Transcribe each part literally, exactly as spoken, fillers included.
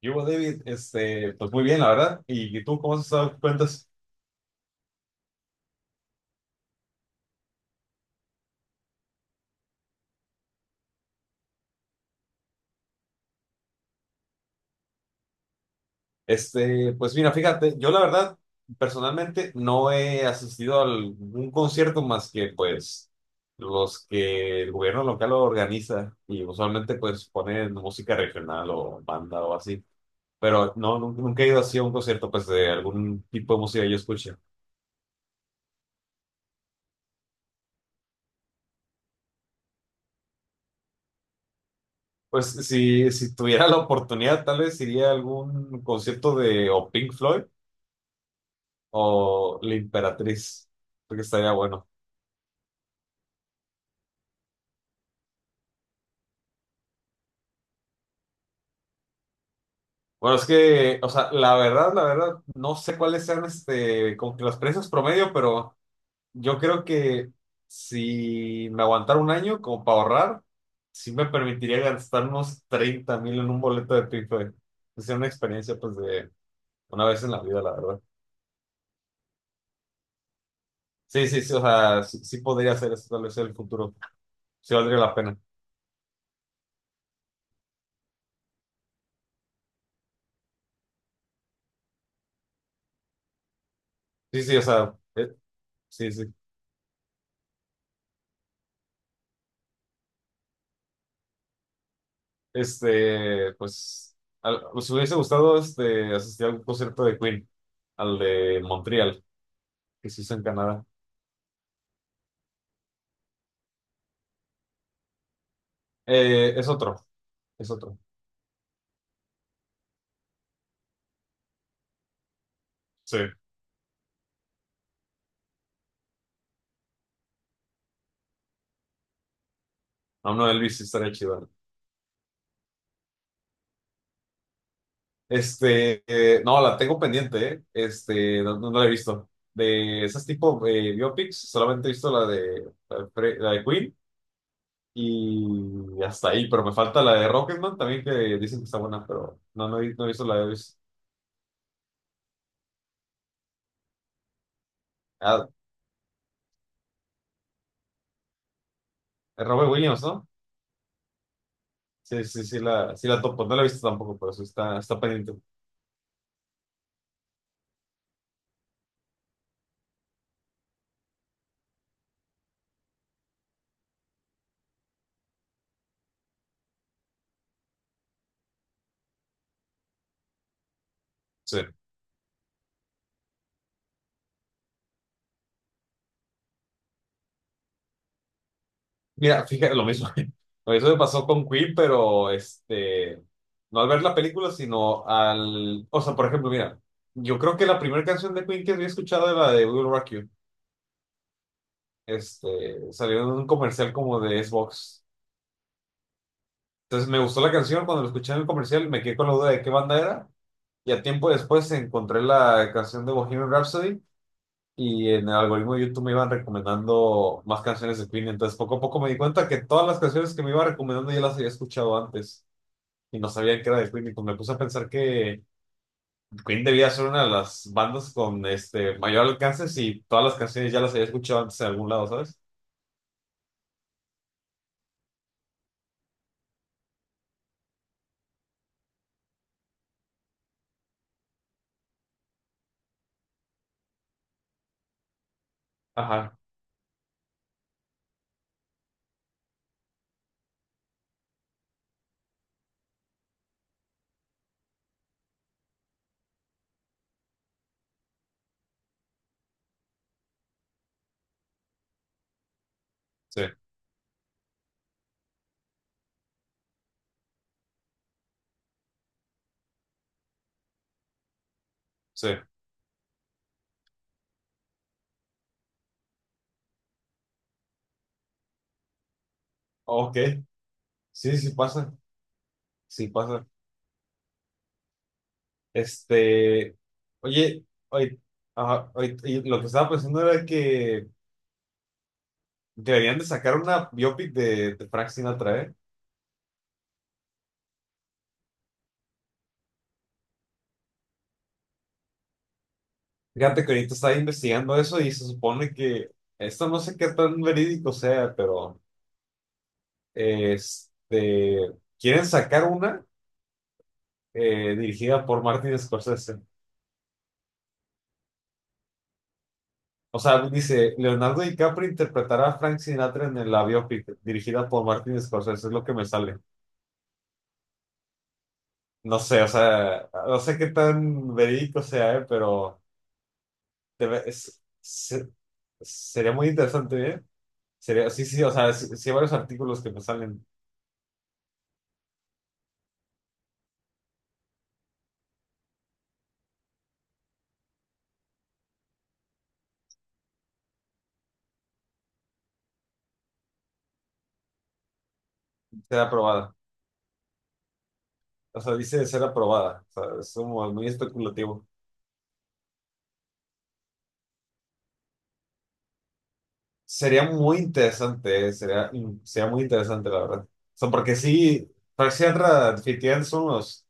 Yo, David, este, pues muy bien, la verdad. ¿Y tú cómo has estado? ¿Qué cuentas? Este, pues mira, fíjate, yo la verdad, personalmente no he asistido a algún concierto más que pues los que el gobierno local organiza y usualmente pues ponen música regional o banda o así. Pero no, nunca, nunca he ido así a un concierto pues de algún tipo de música que yo escuche. Pues si, si tuviera la oportunidad, tal vez iría a algún concierto de o Pink Floyd o la Imperatriz. Creo que estaría bueno. Bueno, es que, o sea, la verdad, la verdad, no sé cuáles sean este, como que los precios promedio, pero yo creo que si me aguantara un año como para ahorrar, sí me permitiría gastar unos treinta mil en un boleto de Piffle. Es una experiencia, pues, de una vez en la vida, la verdad. Sí, sí, sí, o sea, sí, sí podría hacer eso, tal vez en el futuro. Sí valdría la pena. Sí, sí, o sea, eh, sí, sí. Este, pues, al- nos hubiese gustado este, asistir a un concierto de Queen, al de Montreal, que se hizo en Canadá. Eh, es otro, es otro. Sí. No, no, Elvis sí estaría chido. Este, eh, no, la tengo pendiente, ¿eh? Este, no, no la he visto. De esas tipo eh, biopics, solamente he visto la de, la de, Fre- la de Queen y hasta ahí, pero me falta la de Rocketman también, que dicen que está buena, pero no, no he, no he visto la de Elvis. Ah, Robert Williams, ¿no? Sí, sí, sí la, sí la topo. No la he visto tampoco, pero sí está, está pendiente. Sí. Mira, fíjate, lo mismo. Lo mismo me pasó con Queen, pero este, no al ver la película, sino al. O sea, por ejemplo, mira, yo creo que la primera canción de Queen que había escuchado era la de Will Rock You. Este, salió en un comercial como de Xbox. Entonces me gustó la canción, cuando la escuché en el comercial me quedé con la duda de qué banda era. Y a tiempo después encontré la canción de Bohemian Rhapsody y en el algoritmo de YouTube me iban recomendando más canciones de Queen, entonces poco a poco me di cuenta que todas las canciones que me iba recomendando ya las había escuchado antes y no sabía que era de Queen y pues me puse a pensar que Queen debía ser una de las bandas con este mayor alcance si todas las canciones ya las había escuchado antes en algún lado, ¿sabes? Ajá, sí, sí. Ok, sí, sí pasa, sí pasa. Este, Oye, oye, ajá, oye, y lo que estaba pensando era que deberían de sacar una biopic de, de Frank Sinatra, ¿eh? Fíjate que ahorita estaba investigando eso y se supone que esto no sé qué tan verídico sea, pero este quieren sacar una eh, dirigida por Martin Scorsese. O sea, dice Leonardo DiCaprio interpretará a Frank Sinatra en la biopic dirigida por Martin Scorsese, es lo que me sale. No sé, o sea, no sé qué tan verídico sea, eh, pero debe- es- se- sería muy interesante, ¿eh? Sería, sí, sí, o sea, sí, sí hay varios artículos que me salen, será aprobada. O sea, dice de ser aprobada. O sea, es como muy especulativo. Sería muy interesante, eh, Sería, mm, sería muy interesante, la verdad. O sea, porque sí, Frank Sinatra definitivamente son los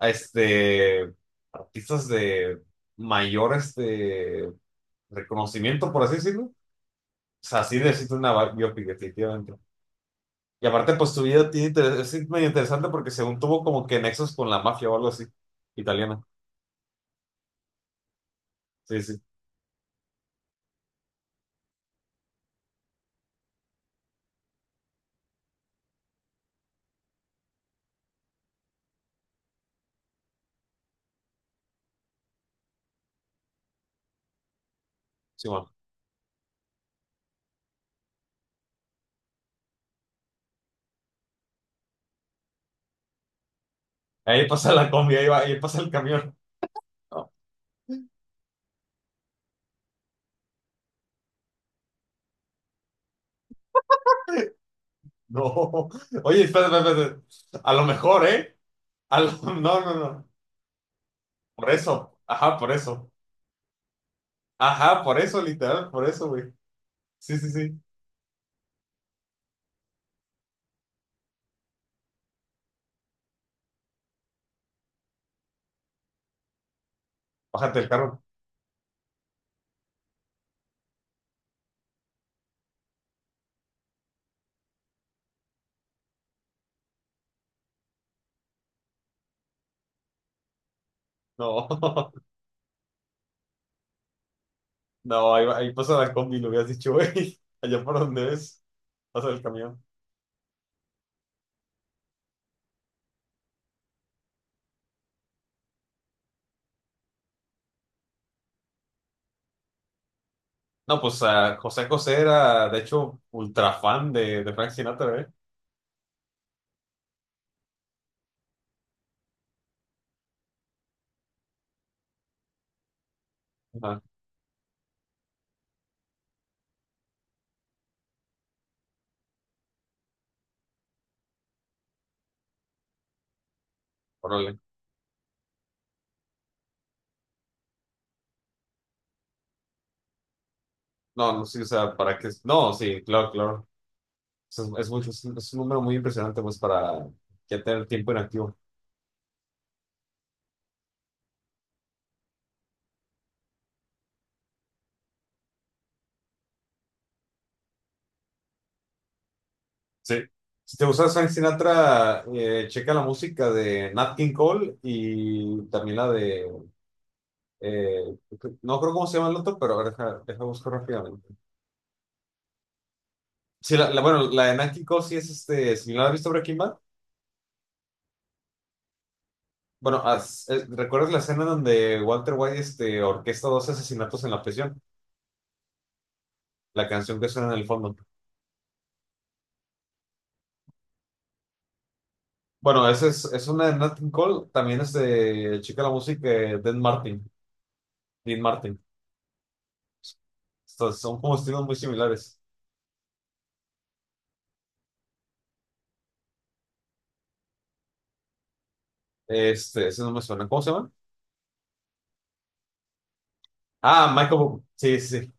este, artistas de mayor este, reconocimiento, por así decirlo. O sea, sí necesito una bi- biopic, definitivamente. Y aparte, pues su vida tiene inter- es medio interesante porque según tuvo como que nexos con la mafia o algo así, italiana. Sí, sí, sí, bueno. Ahí pasa la combi, ahí va, ahí pasa el camión. No. Oye, espera espera espérate. A lo mejor, ¿eh? A lo- No, no, no. Por eso. Ajá, por eso. Ajá, por eso, literal, por eso, güey. Sí, sí, sí. Bájate el carro. No. No, ahí, va- ahí pasa la combi, lo hubieras dicho, güey. Allá por donde es, pasa el camión. No, pues ah, José José era, de hecho, ultra fan de, de Frank Sinatra, ¿eh? Ajá, órale. No, no, sí, o sea, ¿para qué? No, sí, claro, claro. Es, es, muy- es un número muy impresionante, pues, para ya tener tiempo inactivo. Sí. Si te gusta Frank Sinatra, eh, checa la música de Nat King Cole y también la de, eh, no creo cómo se llama el otro, pero a ver, deja, deja buscar rápidamente. Sí, la, la- bueno, la de Nat King Cole sí es este, si no la has visto Breaking Bad, bueno, as- eh, ¿recuerdas la escena donde Walter White este, orquesta dos asesinatos en la prisión? La canción que suena en el fondo. Bueno, esa es, es una de Nat King Cole, también es de, checa la música de Dean Martin, Dean Martin. Estos son como estilos muy similares. Este, ese no me suena. ¿Cómo se llama? Ah, Michael. Bublé. Sí, sí. Sí,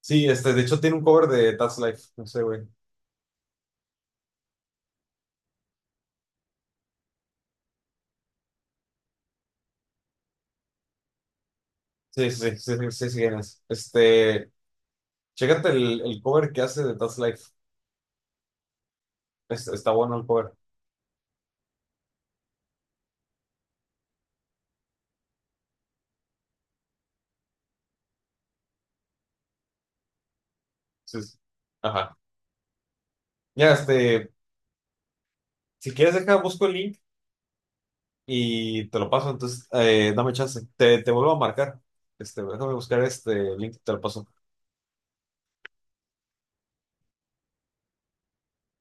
Sí, este, de hecho tiene un cover de That's Life. No sé, güey. Sí, sí, sí, sí, sí, sí, quién es. Este, chécate el, el cover que hace de That's Life. Es- está bueno el cover. Sí, sí. Ajá. Ya, este, si quieres deja, busco el link y te lo paso. Entonces, eh, dame chance. Te, te vuelvo a marcar. Este, déjame buscar este link y te lo paso.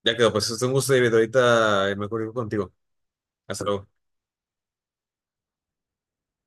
Ya quedó, pues es un gusto, David. Ahorita me comunico contigo. Hasta luego.